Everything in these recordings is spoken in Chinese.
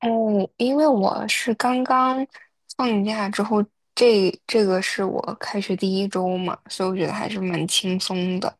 嗯，因为我是刚刚放假之后，这个是我开学第一周嘛，所以我觉得还是蛮轻松的。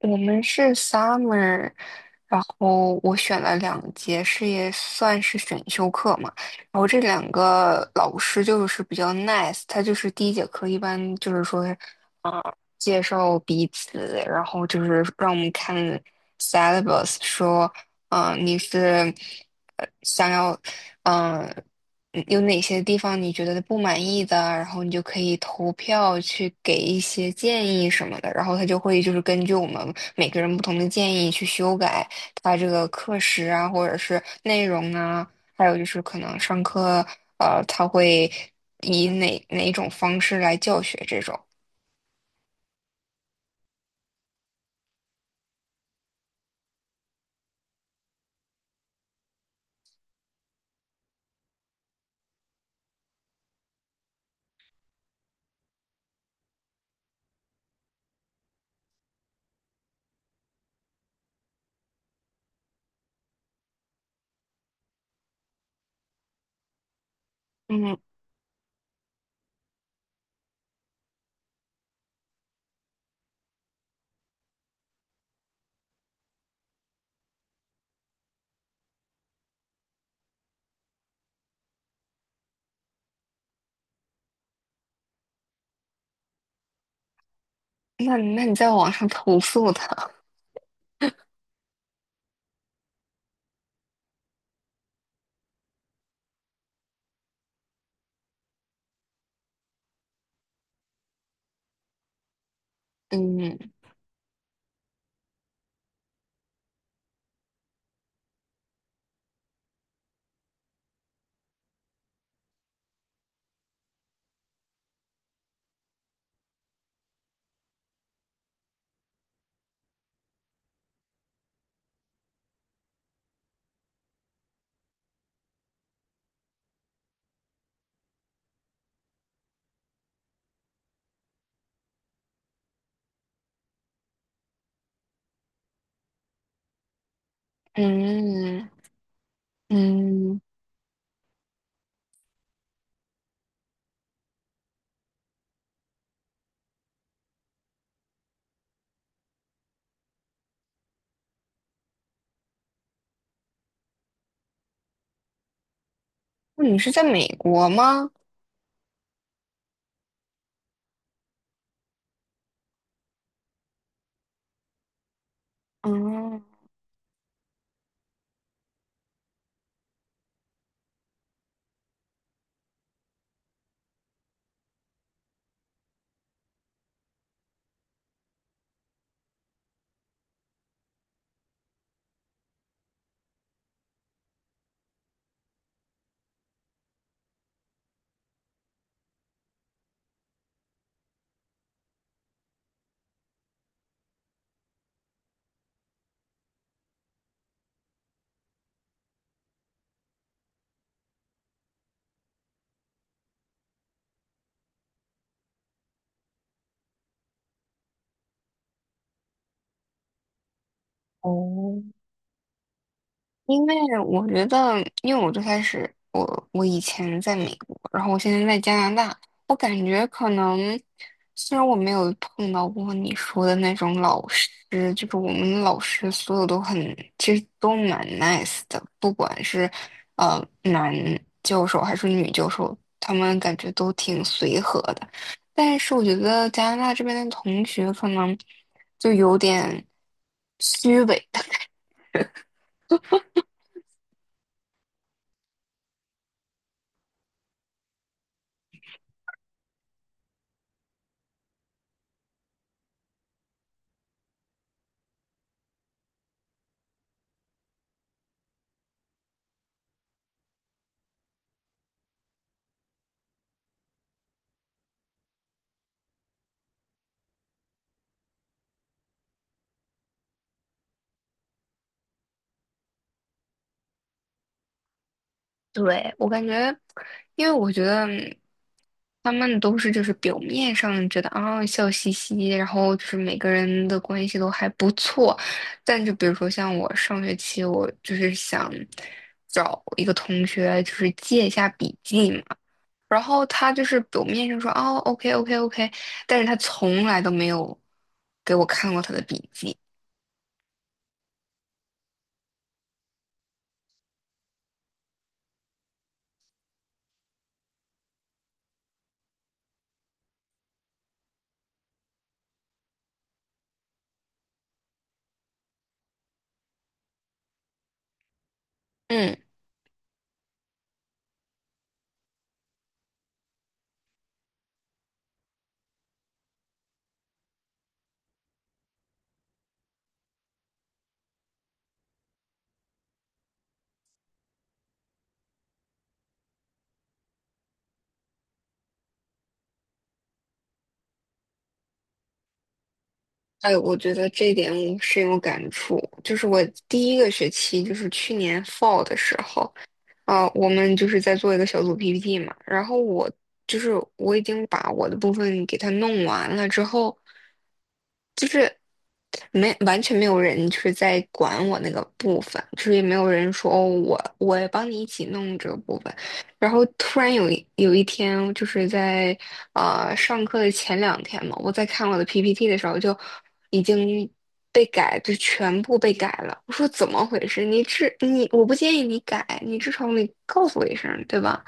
然我们是 summer,然后我选了两节，是也算是选修课嘛。然后这两个老师就是比较 nice,他就是第一节课一般就是说，啊、介绍彼此，然后就是让我们看 syllabus,说，嗯、你是呃想要，嗯嗯有哪些地方你觉得不满意的，然后你就可以投票去给一些建议什么的，然后他就会就是根据我们每个人不同的建议去修改他这个课时啊，或者是内容啊。还有就是可能上课，他会以哪一种方式来教学这种。嗯，那你在网上投诉他？嗯嗯嗯，那你是在美国吗？嗯，哦，因为我觉得，因为我最开始，我以前在美国，然后我现在在加拿大，我感觉可能，虽然我没有碰到过你说的那种老师，就是我们老师所有都很，其实都蛮 nice 的，不管是男教授还是女教授，他们感觉都挺随和的。但是我觉得加拿大这边的同学可能就有点虚伪。对，我感觉，因为我觉得他们都是就是表面上觉得啊笑嘻嘻，然后就是每个人的关系都还不错，但就比如说像我上学期，我就是想找一个同学就是借一下笔记嘛，然后他就是表面上说哦 OK OK OK,但是他从来都没有给我看过他的笔记，嗯。哎，我觉得这一点我深有感触。就是我第一个学期，就是去年 fall 的时候，我们就是在做一个小组 PPT 嘛。然后我就是我已经把我的部分给它弄完了之后，就是没完全没有人就是在管我那个部分，就是也没有人说哦，我帮你一起弄这个部分。然后突然有一天，就是在上课的前两天嘛，我在看我的 PPT 的时候，已经就全部被改了。我说怎么回事？你至你，我不建议你改，你至少你告诉我一声，对吧？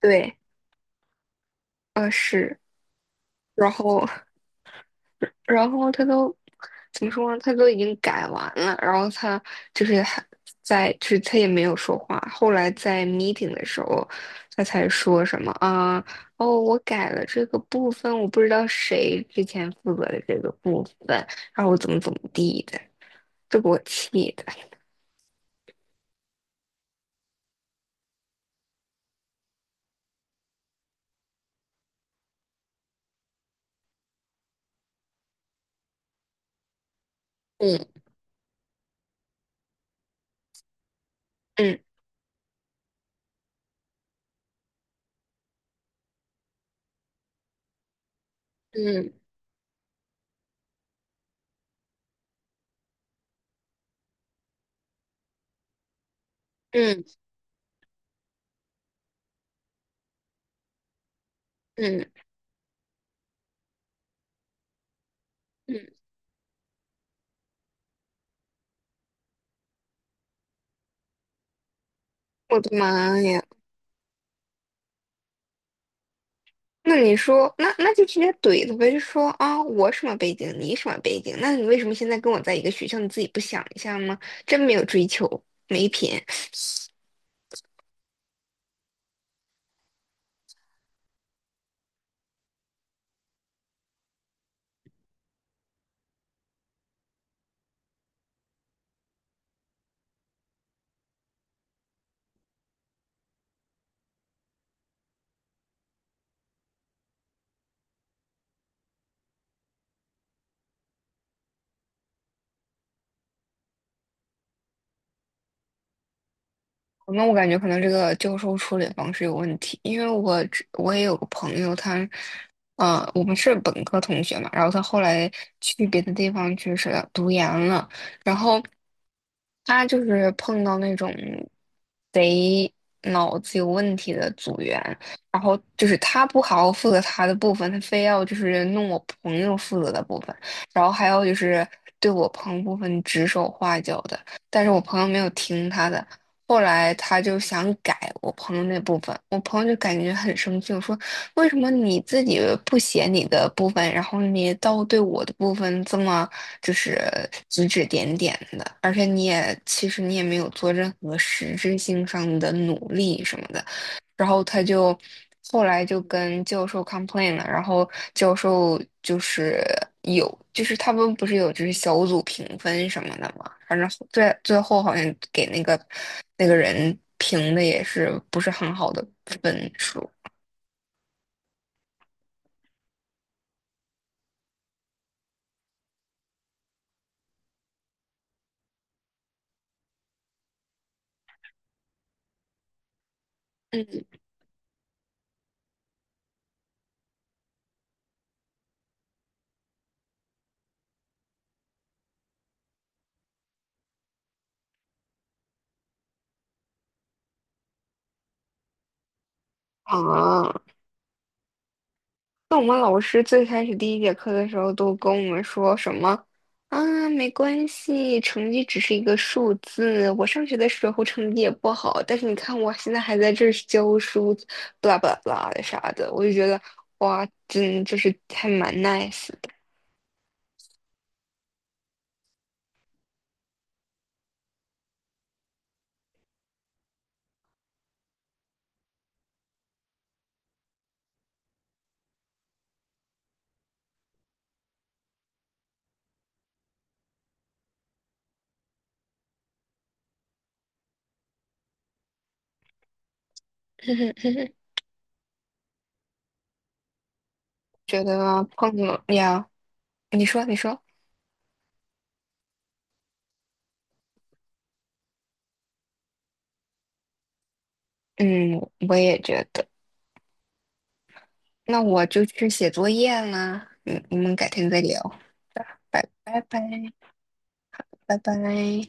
对，是，然后然后他都怎么说呢？他都已经改完了，然后他就是还在，就是他也没有说话。后来在 meeting 的时候，他才说什么啊？哦，我改了这个部分，我不知道谁之前负责的这个部分，然后我怎么怎么地的，这给我气的。嗯嗯嗯嗯嗯嗯，我的妈呀！那你说，那就直接怼他呗，就说啊，我什么背景，你什么背景，那你为什么现在跟我在一个学校，你自己不想一下吗？真没有追求，没品。那我感觉可能这个教授处理方式有问题，因为我也有个朋友，他，呃，我们是本科同学嘛，然后他后来去别的地方去是读研了，然后他就是碰到那种贼脑子有问题的组员，然后就是他不好好负责他的部分，他非要就是弄我朋友负责的部分，然后还有就是对我朋友部分指手画脚的。但是我朋友没有听他的，后来他就想改我朋友那部分，我朋友就感觉很生气，我说为什么你自己不写你的部分，然后你倒对我的部分这么就是指指点点的，而且你也没有做任何实质性上的努力什么的。然后他就后来就跟教授 complain 了，然后教授就是有，就是他们不是有就是小组评分什么的嘛，反正最后好像给那个人评的也是不是很好的分数，嗯啊。那我们老师最开始第一节课的时候都跟我们说什么啊，没关系，成绩只是一个数字。我上学的时候成绩也不好，但是你看我现在还在这儿教书，巴拉巴拉不啦的啥的，我就觉得哇，真就是还蛮 nice 的。觉得碰了呀，你说，嗯，我也觉得。那我就去写作业啦，嗯，我们改天再聊，拜拜拜拜拜。